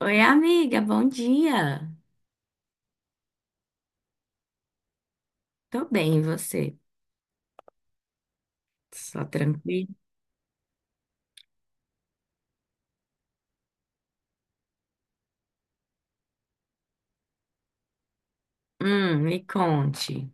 Oi, amiga, bom dia. Tô bem, e você? Só tranquilo? Me conte.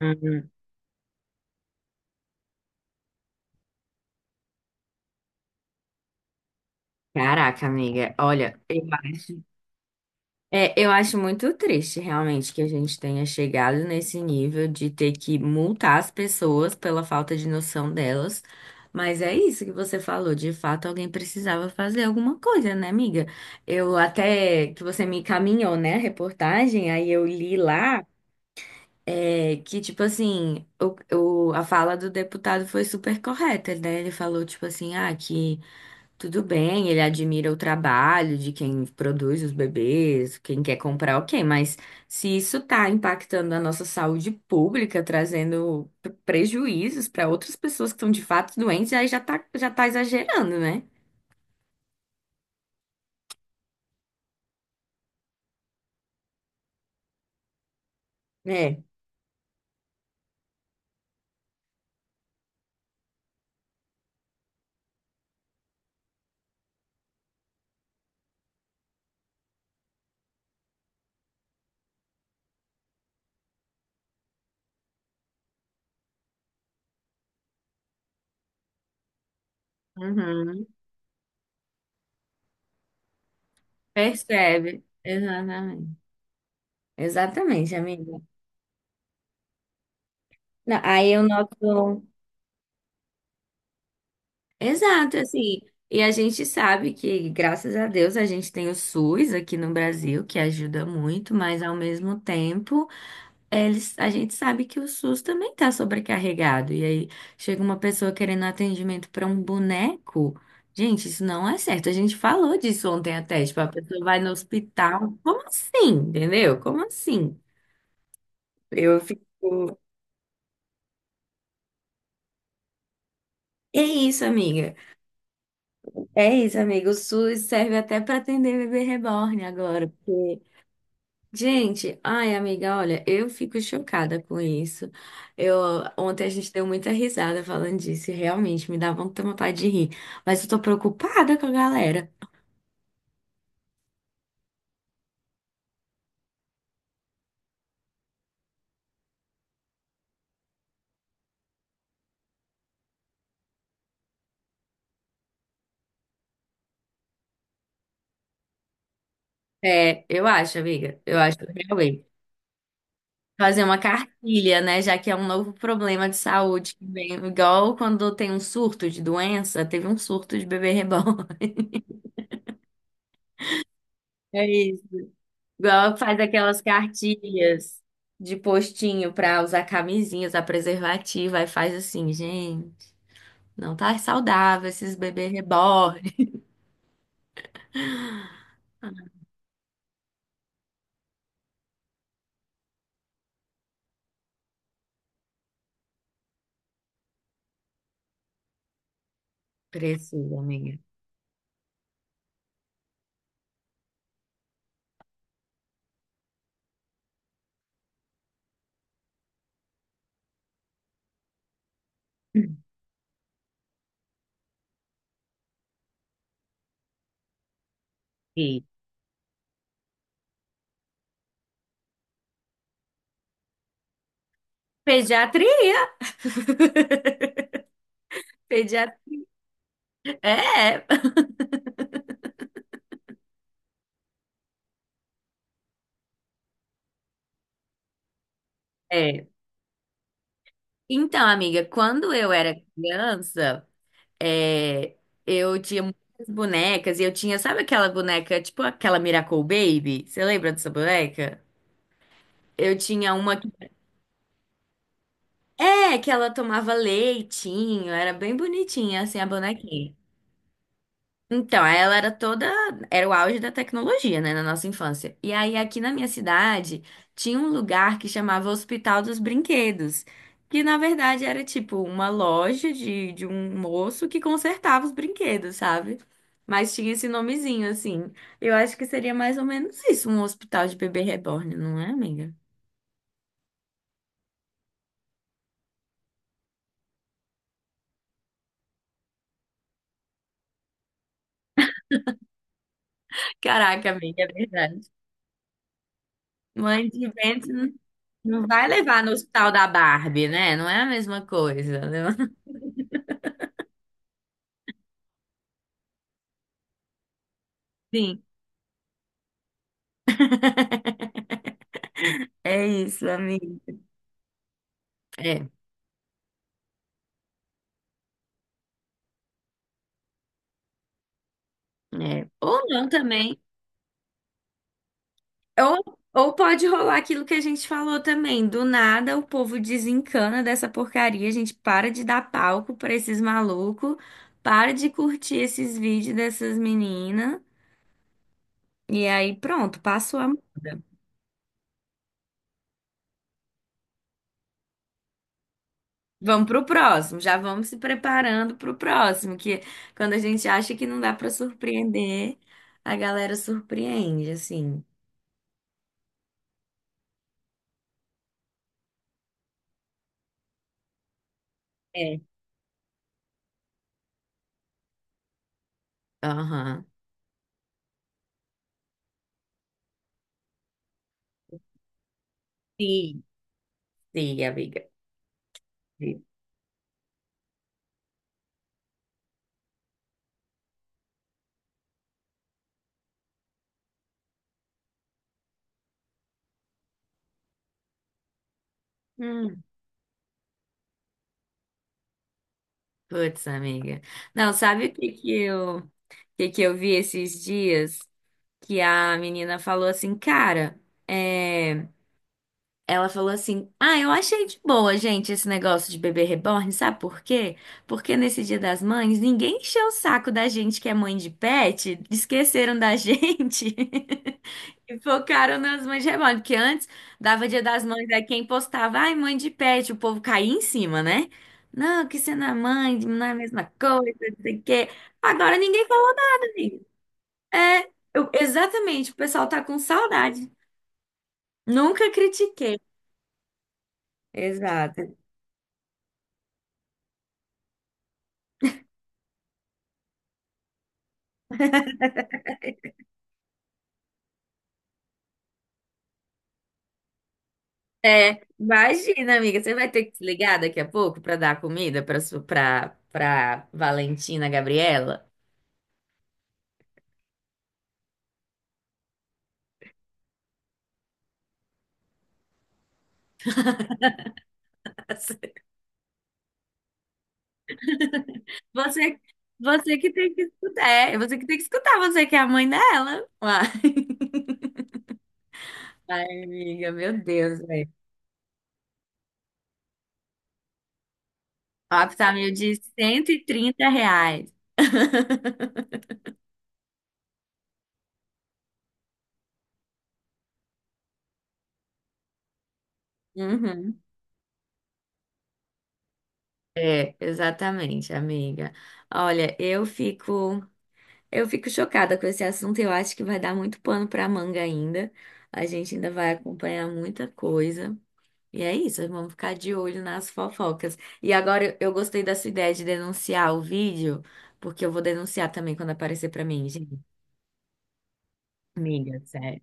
Hum. Caraca, amiga, olha, eu acho muito triste realmente que a gente tenha chegado nesse nível de ter que multar as pessoas pela falta de noção delas. Mas é isso que você falou, de fato alguém precisava fazer alguma coisa, né, amiga? Eu até que você me encaminhou, né, a reportagem, aí eu li lá. É que, tipo assim, a fala do deputado foi super correta, né? Ele falou, tipo assim, ah, que tudo bem, ele admira o trabalho de quem produz os bebês, quem quer comprar, ok, mas se isso tá impactando a nossa saúde pública, trazendo prejuízos para outras pessoas que estão de fato doentes, aí já tá exagerando, né? É. Uhum. Percebe. Exatamente. Exatamente, amiga. Não, aí eu noto. Exato, assim. E a gente sabe que, graças a Deus, a gente tem o SUS aqui no Brasil, que ajuda muito, mas ao mesmo tempo, eles, a gente sabe que o SUS também está sobrecarregado. E aí chega uma pessoa querendo atendimento para um boneco. Gente, isso não é certo. A gente falou disso ontem até, tipo, a pessoa vai no hospital. Como assim? Entendeu? Como assim? Eu fico. É isso, amiga. É isso, amigo. O SUS serve até para atender bebê reborn agora. Gente, ai, amiga, olha, eu fico chocada com isso. Eu, ontem a gente deu muita risada falando disso, e realmente me dá muita vontade de rir. Mas eu tô preocupada com a galera. É, eu acho, amiga, eu acho realmente. Fazer uma cartilha, né? Já que é um novo problema de saúde que vem, igual quando tem um surto de doença, teve um surto de bebê reborn. É isso. Igual faz aquelas cartilhas de postinho pra usar camisinhas, a preservativa, e faz assim, gente. Não tá saudável esses bebês reborn. Precisa, amiga. E pediatria. Pediatria. É, é. Então, amiga, quando eu era criança, é, eu tinha muitas bonecas e eu tinha, sabe aquela boneca, tipo aquela Miracle Baby? Você lembra dessa boneca? Eu tinha uma que, que ela tomava leitinho, era bem bonitinha assim a bonequinha. Então, aí ela era toda, era o auge da tecnologia, né, na nossa infância. E aí aqui na minha cidade tinha um lugar que chamava Hospital dos Brinquedos, que na verdade era tipo uma loja de um moço que consertava os brinquedos, sabe? Mas tinha esse nomezinho assim. Eu acho que seria mais ou menos isso, um hospital de bebê reborn, não é, amiga? Caraca, amiga, é verdade. Mãe de vento não vai levar no hospital da Barbie, né? Não é a mesma coisa, né? É isso, amigo. É, é. Ou não também. Ou, ou pode rolar aquilo que a gente falou também. Do nada o povo desencana dessa porcaria, a gente para de dar palco pra esses malucos, para de curtir esses vídeos dessas meninas. E aí pronto, passou a moda. Vamos pro próximo, já vamos se preparando pro próximo, que quando a gente acha que não dá pra surpreender, a galera surpreende, assim. É. Aham. Sim, sim, amiga. Hum, putz, amiga. Não, sabe o que que eu vi esses dias? Que a menina falou assim, cara, é, Ela falou assim: Ah, eu achei de boa, gente, esse negócio de bebê reborn, sabe por quê? Porque nesse Dia das Mães, ninguém encheu o saco da gente que é mãe de pet, esqueceram da gente e focaram nas mães de reborn. Porque antes dava Dia das Mães, aí quem postava, ai, mãe de pet, o povo caía em cima, né? Não, que você não é mãe, não é a mesma coisa, não sei o quê. Agora ninguém falou nada, gente. É, eu- exatamente, o pessoal tá com saudade. Nunca critiquei. Exato. É, imagina, amiga, você vai ter que se ligar daqui a pouco para dar comida para Valentina Gabriela. Você você que tem que escutar, é, você que tem que escutar, você que é a mãe dela. Uai. Ai, amiga, meu Deus, velho. O Optamil de R$ 130. Uhum. É, exatamente, amiga. Olha, eu fico. Eu fico chocada com esse assunto. Eu acho que vai dar muito pano para manga ainda. A gente ainda vai acompanhar muita coisa. E é isso, vamos ficar de olho nas fofocas. E agora eu gostei da sua ideia de denunciar o vídeo, porque eu vou denunciar também quando aparecer para mim, gente. Amiga, sério.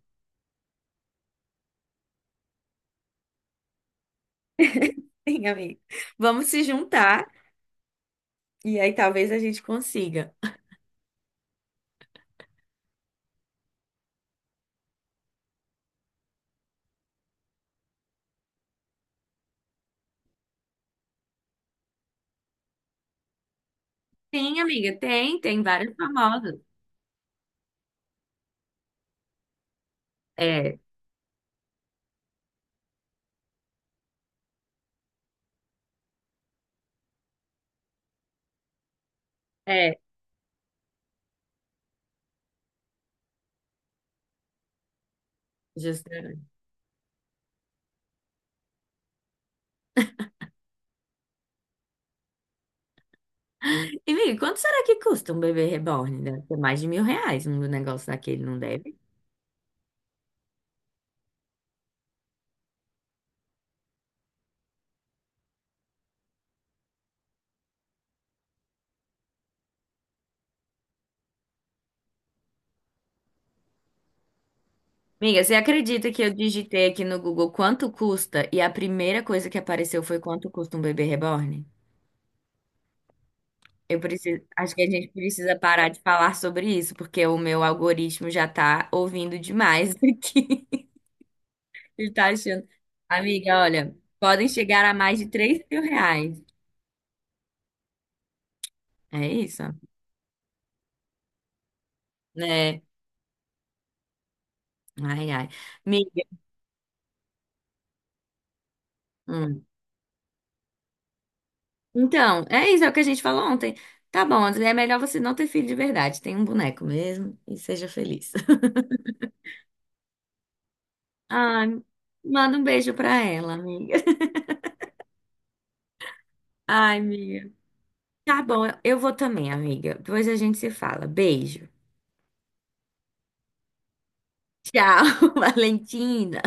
Sim, amiga. Vamos se juntar e aí talvez a gente consiga. Sim, amiga, tem, vários famosos. É, é, justamente. E, amiga, quanto será que custa um bebê reborn? Deve ser mais de R$ 1.000 um negócio daquele, não deve? Amiga, você acredita que eu digitei aqui no Google quanto custa e a primeira coisa que apareceu foi quanto custa um bebê reborn? Eu preciso, acho que a gente precisa parar de falar sobre isso, porque o meu algoritmo já tá ouvindo demais aqui. Ele tá achando. Amiga, olha, podem chegar a mais de R$ 3.000. É isso, né? Ai, ai. Amiga, hum. Então, é isso, é o que a gente falou ontem. Tá bom, André, é melhor você não ter filho de verdade. Tem um boneco mesmo e seja feliz. Ai, manda um beijo pra ela, amiga. Ai, amiga. Tá bom, eu vou também, amiga. Depois a gente se fala. Beijo. Tchau, Valentina.